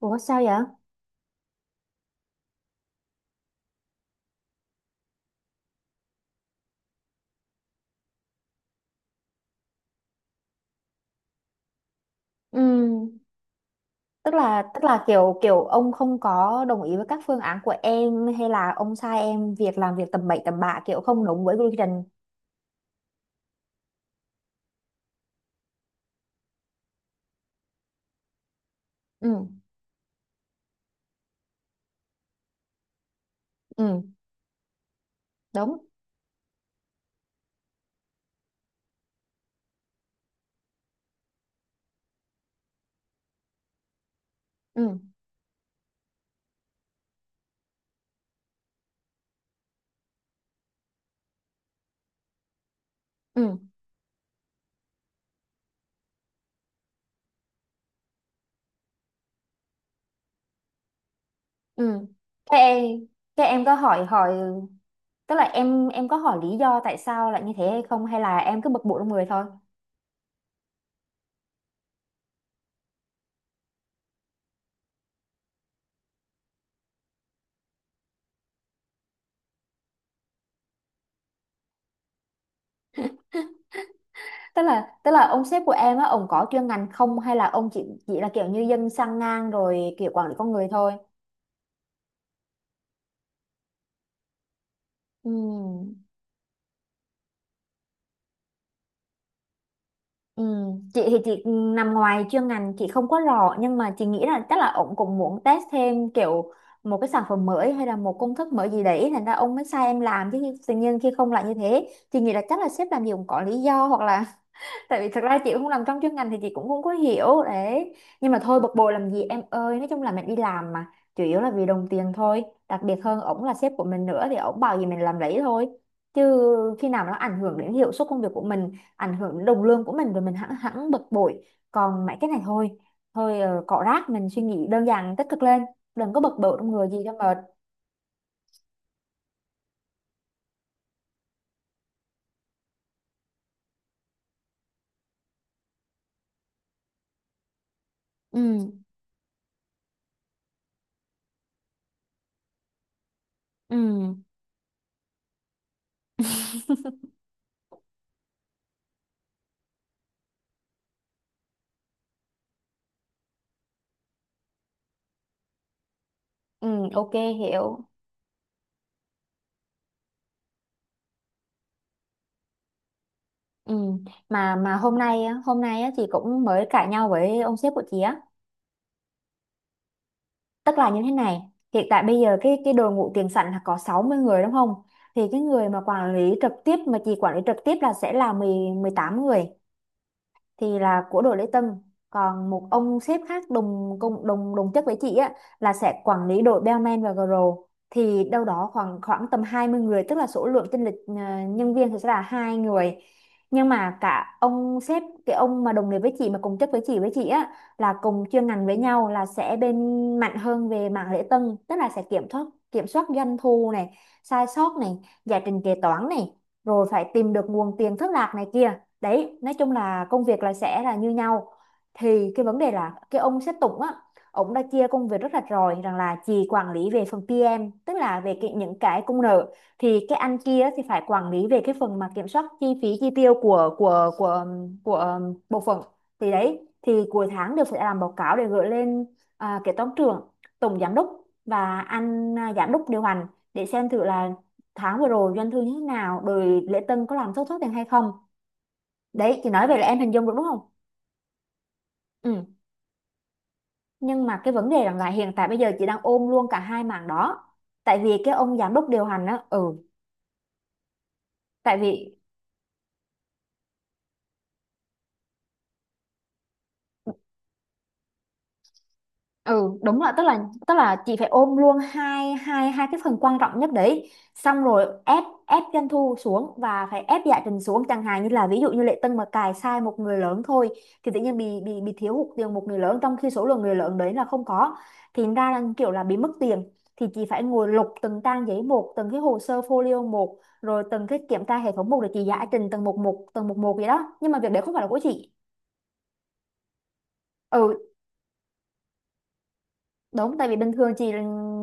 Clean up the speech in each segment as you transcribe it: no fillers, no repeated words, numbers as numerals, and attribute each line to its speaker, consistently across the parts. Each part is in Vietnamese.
Speaker 1: Ủa sao vậy? Ừm, tức là kiểu kiểu ông không có đồng ý với các phương án của em hay là ông sai em việc làm việc tầm bậy tầm bạ kiểu không đúng với quy trình. Ừ, ừ, đúng. Ừ, ừ, ừ. Thế em, thế em có hỏi hỏi tức là em có hỏi lý do tại sao lại như thế hay không hay là em cứ bực bội trong người thôi. Tức là ông sếp của em á ông có chuyên ngành không hay là ông chỉ là kiểu như dân sang ngang rồi kiểu quản lý con người thôi. Ừ. Ừ, chị thì chị nằm ngoài chuyên ngành chị không có rõ, nhưng mà chị nghĩ là chắc là ông cũng muốn test thêm kiểu một cái sản phẩm mới hay là một công thức mới gì đấy, thành ra ông mới sai em làm. Chứ tự nhiên khi không lại như thế, chị nghĩ là chắc là sếp làm gì cũng có lý do, hoặc là tại vì thật ra chị không làm trong chuyên ngành thì chị cũng không có hiểu đấy. Nhưng mà thôi, bực bội làm gì em ơi, nói chung là mình đi làm mà, chủ yếu là vì đồng tiền thôi. Đặc biệt hơn ổng là sếp của mình nữa thì ổng bảo gì mình làm đấy thôi, chứ khi nào mà nó ảnh hưởng đến hiệu suất công việc của mình, ảnh hưởng đến đồng lương của mình rồi mình hẳn hẳn bực bội. Còn mấy cái này thôi, thôi cọ rác mình suy nghĩ đơn giản tích cực lên, đừng có bực bội trong người gì cho mệt. ừ ừ ừ ok, hiểu. Ừ. Mà hôm nay á, chị cũng mới cãi nhau với ông sếp của chị á, tức là như thế này. Hiện tại bây giờ cái đội ngũ tiền sảnh là có 60 người đúng không, thì cái người mà quản lý trực tiếp mà chị quản lý trực tiếp là sẽ là mười, mười tám người, thì là của đội lễ tân. Còn một ông sếp khác đồng cùng đồng đồng chức với chị á, là sẽ quản lý đội bellman và girl, thì đâu đó khoảng khoảng tầm 20 người, tức là số lượng chênh lệch à, nhân viên thì sẽ là hai người. Nhưng mà cả ông sếp, cái ông mà đồng nghiệp với chị mà cùng chức với chị á, là cùng chuyên ngành với nhau, là sẽ bên mạnh hơn về mảng lễ tân, tức là sẽ kiểm soát doanh thu này, sai sót này, giải trình kế toán này, rồi phải tìm được nguồn tiền thất lạc này kia. Đấy, nói chung là công việc là sẽ là như nhau. Thì cái vấn đề là cái ông sếp Tùng á, ông đã chia công việc rất rạch ròi rằng là chị quản lý về phần PM, tức là về cái, những cái công nợ, thì cái anh kia thì phải quản lý về cái phần mà kiểm soát chi phí chi tiêu của của bộ phận. Thì đấy, thì cuối tháng đều phải làm báo cáo để gửi lên kế toán trưởng, tổng giám đốc và giám đốc điều hành, để xem thử là tháng vừa rồi doanh thu như thế nào, rồi lễ tân có làm thất thoát tiền hay không. Đấy, chị nói vậy là em hình dung được đúng không? Ừ. Nhưng mà cái vấn đề rằng là hiện tại bây giờ chị đang ôm luôn cả hai mảng đó. Tại vì cái ông giám đốc điều hành á, tại vì ừ đúng là tức là chị phải ôm luôn hai hai hai cái phần quan trọng nhất đấy, xong rồi ép ép doanh thu xuống và phải ép giải trình xuống, chẳng hạn như là ví dụ như Lệ Tân mà cài sai một người lớn thôi, thì tự nhiên bị bị thiếu hụt tiền một người lớn, trong khi số lượng người lớn đấy là không có, thì ra là kiểu là bị mất tiền, thì chị phải ngồi lục từng trang giấy một, từng cái hồ sơ folio một, rồi từng cái kiểm tra hệ thống một để chị giải trình từng một một, từng một một vậy đó, nhưng mà việc đấy không phải là của chị. ừ. Đúng, tại vì bình thường chị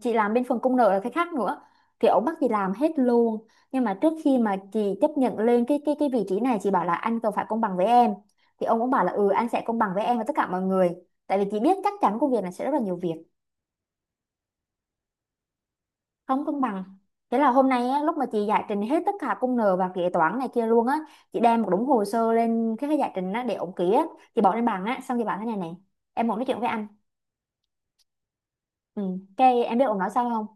Speaker 1: chị làm bên phần công nợ là cái khác nữa, thì ổng bắt chị làm hết luôn. Nhưng mà trước khi mà chị chấp nhận lên cái vị trí này, chị bảo là anh cần phải công bằng với em, thì ông cũng bảo là ừ anh sẽ công bằng với em và tất cả mọi người. Tại vì chị biết chắc chắn công việc này sẽ rất là nhiều việc, không công bằng. Thế là hôm nay á, lúc mà chị giải trình hết tất cả công nợ và kế toán này kia luôn á, chị đem một đống hồ sơ lên cái giải trình á để ổng ký á, chị bỏ lên bàn á xong chị bảo thế này này, em muốn nói chuyện với anh. Ừ. Cái em biết ổng nói sao không.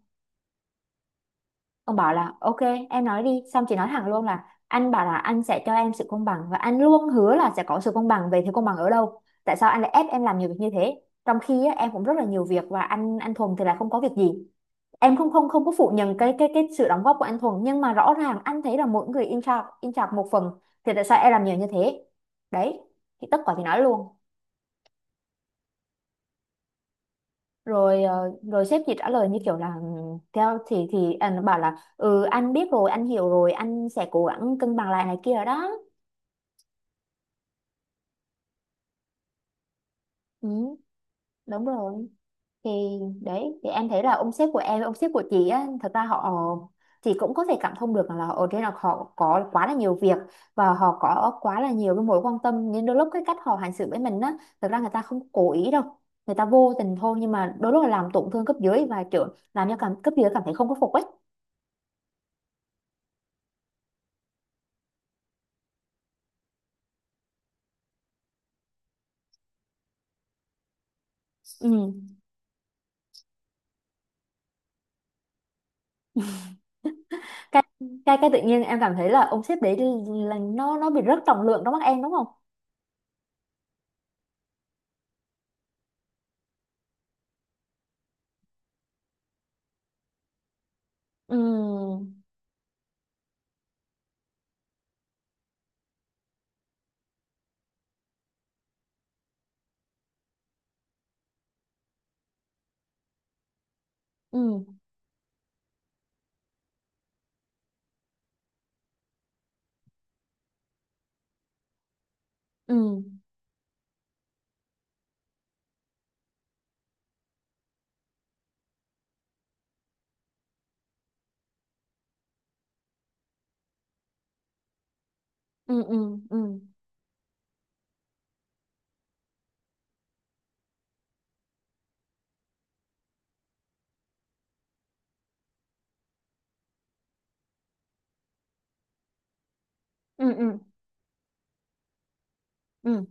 Speaker 1: Ông bảo là ok, em nói đi. Xong chị nói thẳng luôn là anh bảo là anh sẽ cho em sự công bằng, và anh luôn hứa là sẽ có sự công bằng, về thế công bằng ở đâu? Tại sao anh lại ép em làm nhiều việc như thế, trong khi á, em cũng rất là nhiều việc, và anh Thuần thì lại không có việc gì. Em không không không có phủ nhận cái sự đóng góp của anh Thuần, nhưng mà rõ ràng anh thấy là mỗi người in charge một phần. Thì tại sao em làm nhiều như thế? Đấy, thì tất cả thì nói luôn. Rồi rồi sếp chỉ trả lời như kiểu là "Ừ, theo thì anh bảo là ừ anh biết rồi, anh hiểu rồi, anh sẽ cố gắng cân bằng lại này kia rồi đó. Ừ, đúng rồi. Thì đấy, thì em thấy là ông sếp của em, ông sếp của chị á, thật ra họ, chị cũng có thể cảm thông được là ở trên là họ có quá là nhiều việc và họ có quá là nhiều cái mối quan tâm, nên đôi lúc cái cách họ hành xử với mình á, thật ra người ta không cố ý đâu, người ta vô tình thôi, nhưng mà đôi lúc là làm tổn thương cấp dưới và kiểu làm cho cảm cấp dưới cảm thấy không có phục ấy. ừ. Cái cái cái tự nhiên em cảm thấy là ông sếp đấy là nó bị rất trọng lượng trong mắt em đúng không. Ừ ừ ừ ừ ừ ừ ừ ừ ừ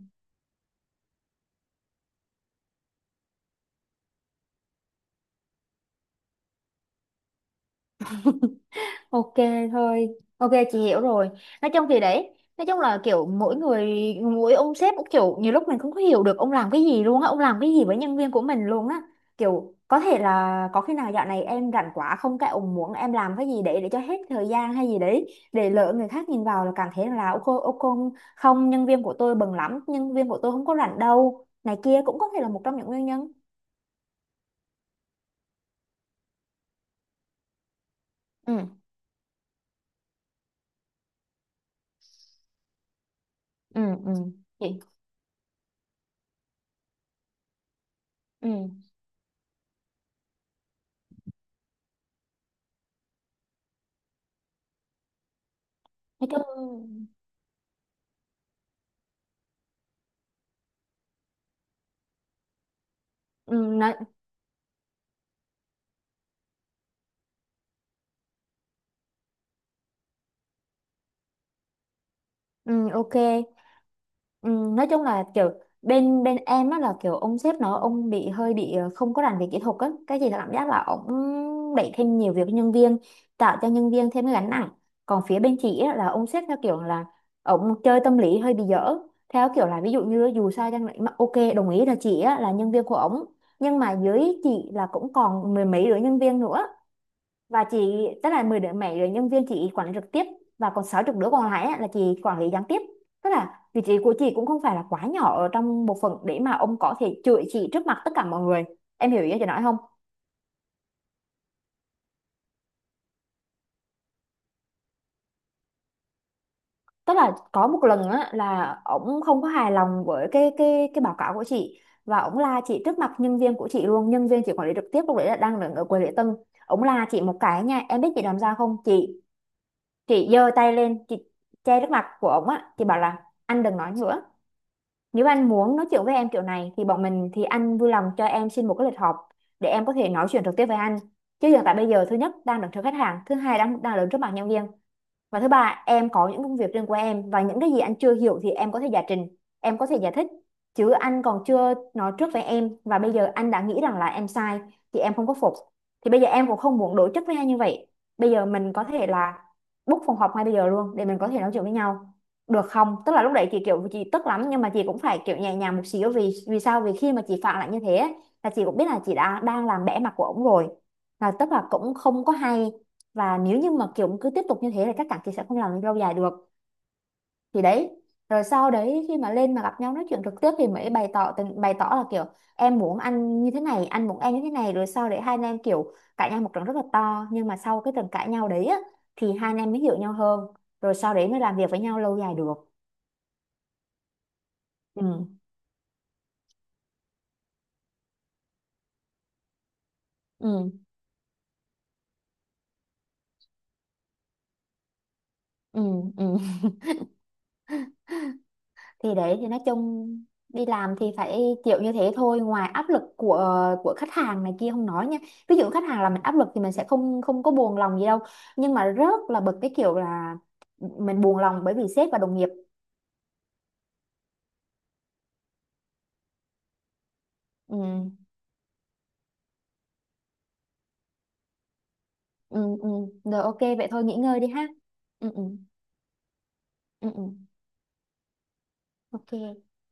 Speaker 1: Ok, thôi, ok chị hiểu rồi. Nói chung thì đấy, nói chung là kiểu mỗi người, mỗi ông sếp cũng kiểu nhiều lúc mình không có hiểu được ông làm cái gì luôn á, ông làm cái gì với nhân viên của mình luôn á. Kiểu có thể là có khi nào dạo này em rảnh quá không, cái ông muốn em làm cái gì để cho hết thời gian hay gì đấy, để lỡ người khác nhìn vào là cảm thấy là ô cô không, nhân viên của tôi bận lắm, nhân viên của tôi không có rảnh đâu. Này kia cũng có thể là một trong những nguyên nhân. Ừ, ừ, ừ. Chị, ừ. Nói chung ừ, nói. Ừ, ok. Ừ, nói chung là kiểu bên bên em á là kiểu ông sếp nó ông bị hơi bị không có rành về kỹ thuật á, cái gì là cảm giác là ông đẩy thêm nhiều việc cho nhân viên, tạo cho nhân viên thêm cái gánh nặng. Còn phía bên chị á, là ông sếp theo kiểu là ông chơi tâm lý hơi bị dở, theo kiểu là ví dụ như dù sao chăng nữa mà ok đồng ý là chị á, là nhân viên của ổng, nhưng mà dưới chị là cũng còn mười mấy đứa nhân viên nữa, và chị tức là 10 đứa nhân viên chị quản lý trực tiếp, và còn sáu chục đứa còn lại á, là chị quản lý gián tiếp, tức là vị trí của chị cũng không phải là quá nhỏ ở trong bộ phận để mà ông có thể chửi chị trước mặt tất cả mọi người, em hiểu ý chị nói không. Tức là có một lần á, là ổng không có hài lòng với cái báo cáo của chị, và ổng la chị trước mặt nhân viên của chị luôn, nhân viên chị quản lý trực tiếp, lúc đấy là đang đứng ở quầy lễ tân. Ổng la chị một cái nha, em biết chị làm sao không chị? Chị giơ tay lên, chị che trước mặt của ổng á, chị bảo là anh đừng nói nữa. Nếu anh muốn nói chuyện với em kiểu này thì bọn mình thì anh vui lòng cho em xin một cái lịch họp để em có thể nói chuyện trực tiếp với anh. Chứ hiện tại bây giờ thứ nhất đang đứng trước khách hàng, thứ hai đang đang đứng trước mặt nhân viên, và thứ ba em có những công việc riêng của em, và những cái gì anh chưa hiểu thì em có thể giải trình, em có thể giải thích, chứ anh còn chưa nói trước với em và bây giờ anh đã nghĩ rằng là em sai thì em không có phục. Thì bây giờ em cũng không muốn đối chất với anh như vậy, bây giờ mình có thể là book phòng họp ngay bây giờ luôn để mình có thể nói chuyện với nhau được không. Tức là lúc đấy chị kiểu chị tức lắm, nhưng mà chị cũng phải kiểu nhẹ nhàng một xíu, vì vì sao vì khi mà chị phản lại như thế ấy, là chị cũng biết là chị đã đang làm bẽ mặt của ổng rồi, là tức là cũng không có hay, và nếu như mà kiểu cứ tiếp tục như thế thì chắc chắn chị sẽ không làm lâu dài được. Thì đấy, rồi sau đấy khi mà lên mà gặp nhau nói chuyện trực tiếp thì mới bày tỏ là kiểu em muốn anh như thế này, anh muốn em như thế này, rồi sau đấy hai anh em kiểu cãi nhau một trận rất là to, nhưng mà sau cái trận cãi nhau đấy á, thì hai anh em mới hiểu nhau hơn, rồi sau đấy mới làm việc với nhau lâu dài được. ừ ừ ừ ừ thì đấy thì nói chung đi làm thì phải chịu như thế thôi, ngoài áp lực của khách hàng này kia không nói nha, ví dụ khách hàng là mình áp lực thì mình sẽ không không có buồn lòng gì đâu, nhưng mà rất là bực cái kiểu là mình buồn lòng bởi vì sếp và đồng nghiệp. ừ, ừ, ừ. Rồi ok vậy thôi nghỉ ngơi đi ha. ừ, ừ, ừ, ừ. ok.